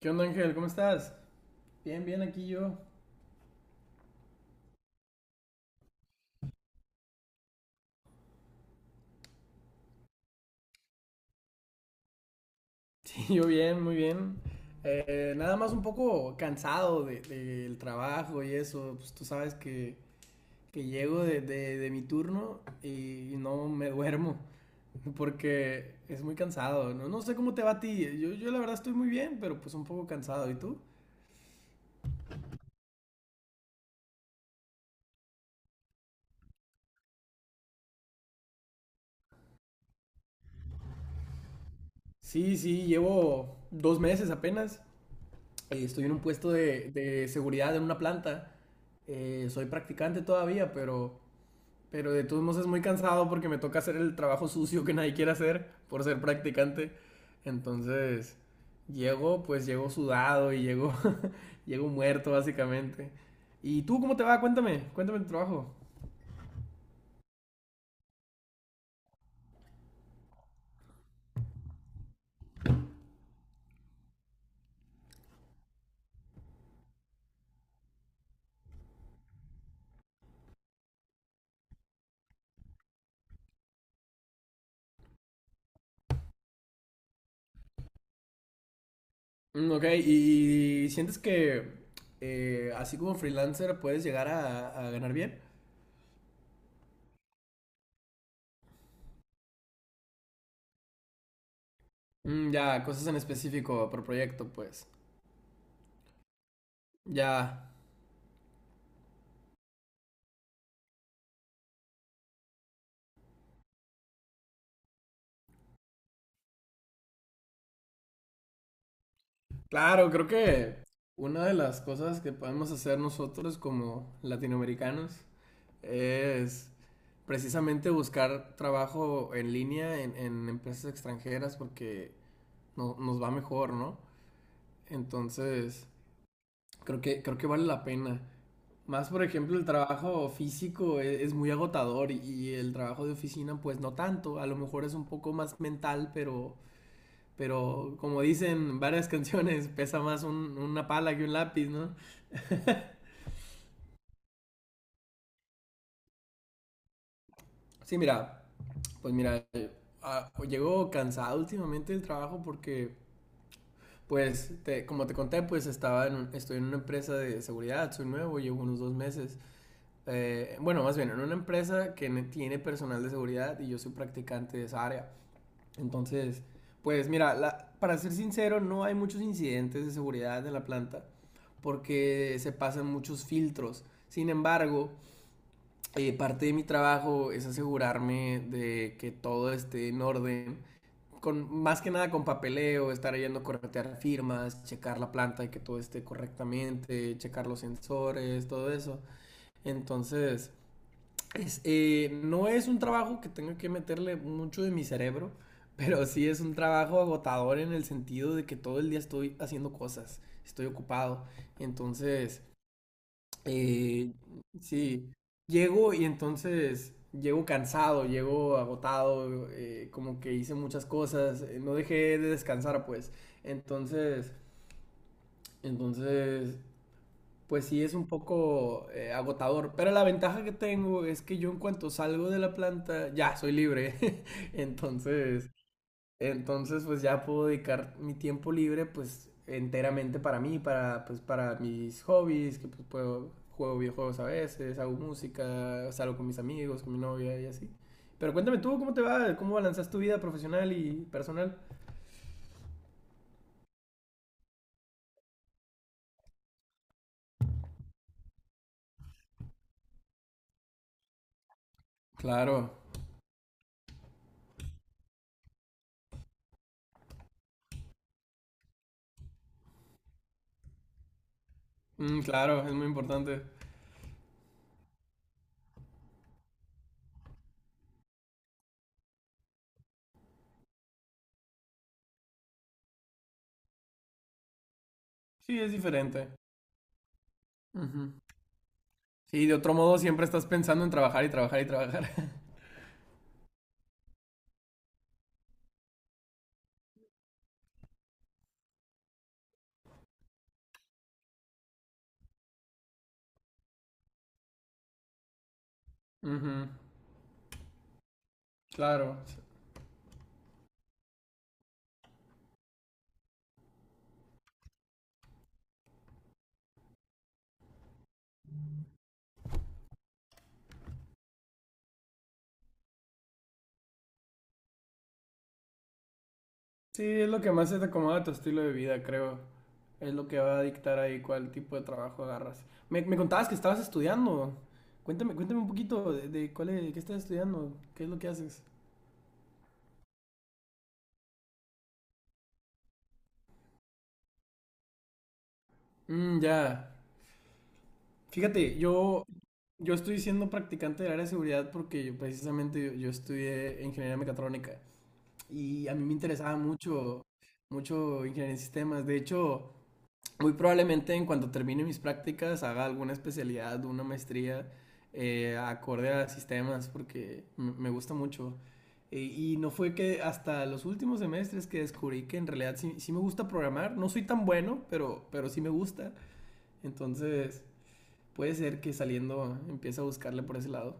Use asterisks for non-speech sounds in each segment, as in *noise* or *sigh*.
¿Qué onda, Ángel? ¿Cómo estás? Bien, bien, aquí yo. *laughs* Sí, yo bien, muy bien. Nada más un poco cansado del trabajo y eso. Pues tú sabes que llego de mi turno y, no me duermo porque es muy cansado. No, no sé cómo te va a ti. Yo la verdad estoy muy bien, pero pues un poco cansado. ¿Y tú? Sí, sí, llevo dos meses apenas. Estoy en un puesto de seguridad en una planta. Soy practicante todavía, pero... Pero de todos modos es muy cansado porque me toca hacer el trabajo sucio que nadie quiere hacer por ser practicante. Entonces, llego, pues llego sudado y llego, *laughs* llego muerto básicamente. ¿Y tú cómo te va? Cuéntame, cuéntame tu trabajo. Mm, ok, ¿y sientes que así como freelancer puedes llegar a ganar bien? Mm, ya, cosas en específico por proyecto, pues. Ya, claro, creo que una de las cosas que podemos hacer nosotros como latinoamericanos es precisamente buscar trabajo en línea en empresas extranjeras porque nos va mejor, ¿no? Entonces, creo que vale la pena. Más, por ejemplo, el trabajo físico es, muy agotador y el trabajo de oficina, pues no tanto. A lo mejor es un poco más mental, pero como dicen varias *laughs* canciones, pesa más una pala que un lápiz, ¿no? Sí, mira, pues mira, llego cansado últimamente del trabajo porque, pues, como te conté, pues estoy en una empresa de seguridad, soy nuevo, llevo unos dos meses. Bueno, más bien, en una empresa que tiene personal de seguridad y yo soy practicante de esa área. Entonces, pues mira, para ser sincero, no hay muchos incidentes de seguridad en la planta porque se pasan muchos filtros. Sin embargo, parte de mi trabajo es asegurarme de que todo esté en orden, con, más que nada con papeleo, estar yendo a corretear firmas, checar la planta y que todo esté correctamente, checar los sensores, todo eso. Entonces, no es un trabajo que tenga que meterle mucho de mi cerebro, *laughs* pero sí es un trabajo agotador en el sentido de que todo el día estoy haciendo cosas, estoy ocupado. Entonces, eh, sí, llego y entonces llego cansado, llego agotado, como que hice muchas cosas, no dejé de descansar, pues. Entonces, entonces, pues sí es un poco agotador, pero la ventaja que tengo es que yo en cuanto salgo de la planta ya soy libre. *laughs* Entonces, entonces, pues ya puedo dedicar mi tiempo libre, pues enteramente para mí, para, pues, para mis hobbies, que pues puedo, juego videojuegos a veces, hago música, salgo con mis amigos, con mi novia y así. Pero cuéntame tú, ¿cómo te va? ¿Cómo balanceas tu vida profesional y personal? Claro. Mm, claro, es muy importante. Sí, es diferente. Ujú. Sí, de otro modo siempre estás pensando en trabajar y trabajar y trabajar. *laughs* Ujú. Claro. Sí, es lo que más se te acomoda a tu estilo de vida, creo. Es lo que va a dictar ahí cuál tipo de trabajo agarras. Me contabas que estabas estudiando. Cuéntame, cuéntame un poquito de cuál de qué estás estudiando, qué es lo que haces. Mm, ya. Fíjate, yo estoy siendo practicante del área de seguridad porque yo, precisamente yo estudié ingeniería mecatrónica y a mí me interesaba mucho, mucho ingeniería en sistemas. De hecho, muy probablemente en cuanto termine mis prácticas haga alguna especialidad, una maestría acorde a sistemas porque me gusta mucho. Y no fue que hasta los últimos semestres que descubrí que en realidad sí, me gusta programar. No soy tan bueno, pero sí me gusta. Entonces puede ser que saliendo empiece a buscarle por ese lado.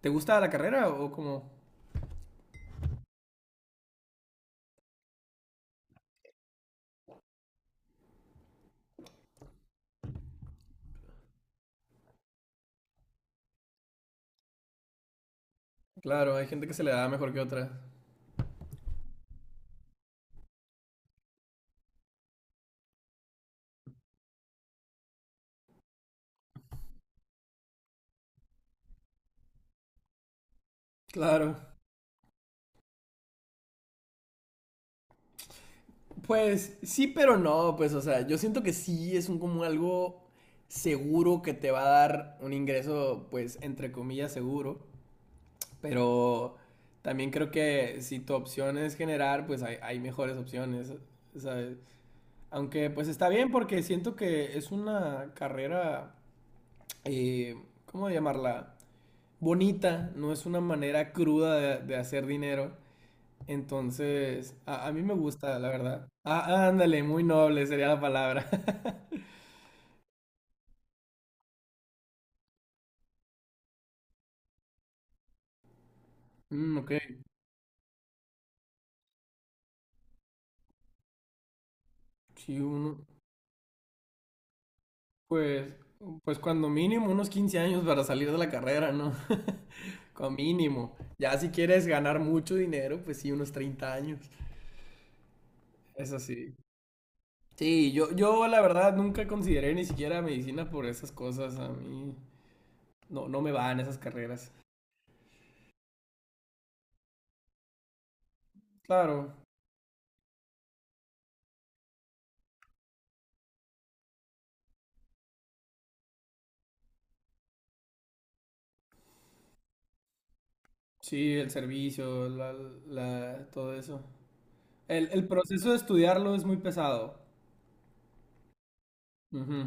¿Te gusta la carrera o cómo Claro, hay gente que se le da mejor que otra. Claro. Pues sí, pero no, pues o sea, yo siento que sí es un como algo seguro que te va a dar un ingreso, pues entre comillas seguro, pero también creo que si tu opción es generar, pues hay mejores opciones, ¿sabes? Aunque pues está bien porque siento que es una carrera, eh, ¿cómo llamarla? Bonita, no es una manera cruda de hacer dinero. Entonces, a mí me gusta, la verdad. Ah, ándale, muy noble sería la palabra. *laughs* Mm, ok, sí, uno, pues, pues cuando mínimo unos 15 años para salir de la carrera, ¿no? *laughs* Como mínimo. Ya si quieres ganar mucho dinero, pues sí, unos 30 años. Es así. Sí, yo la verdad nunca consideré ni siquiera medicina por esas cosas. A mí no, no me van esas carreras. Claro, sí, el servicio, la, todo eso. El proceso de estudiarlo es muy pesado. Ujú.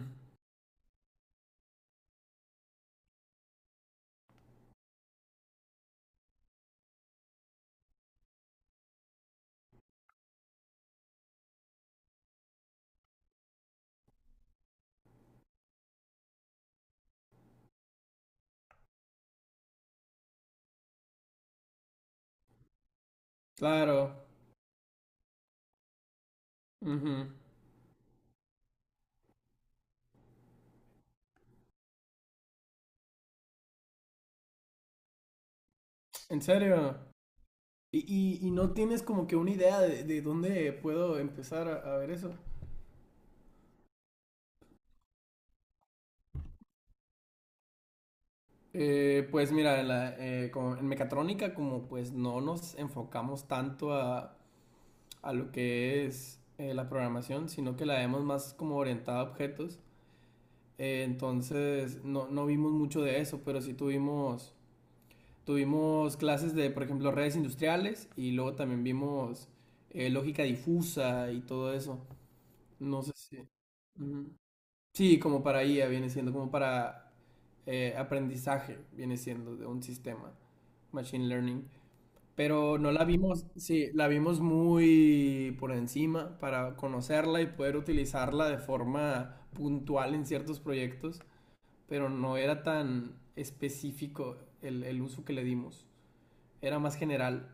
Claro. Ujú. ¿En serio? ¿ Y no tienes como que una idea de dónde puedo empezar a ver eso? Pues mira, como en mecatrónica como pues no nos enfocamos tanto a lo que es la programación, sino que la vemos más como orientada a objetos. Entonces no, no vimos mucho de eso, pero sí tuvimos clases de, por ejemplo, redes industriales y luego también vimos lógica difusa y todo eso. No sé si... Ujú. Sí, como para IA viene siendo, como para aprendizaje viene siendo de un sistema, machine learning. Pero no la vimos, sí, la vimos muy por encima para conocerla y poder utilizarla de forma puntual en ciertos proyectos, pero no era tan específico el uso que le dimos, era más general.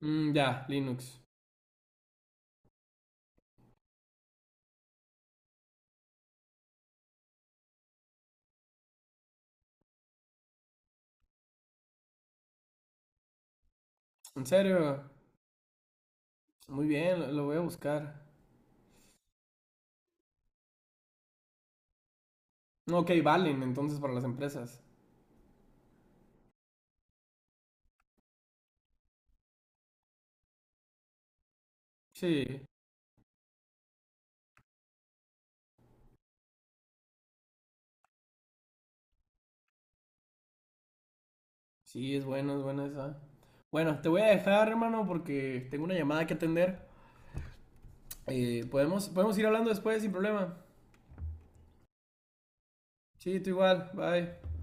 Mm, ya, Linux. ¿En serio? Muy bien, lo voy a buscar. No, ok, valen entonces para las empresas. Sí, sí, es bueno, es buena esa. Bueno, te voy a dejar, hermano, porque tengo una llamada que atender. Podemos, podemos ir hablando después sin problema. Sí, tú igual, bye.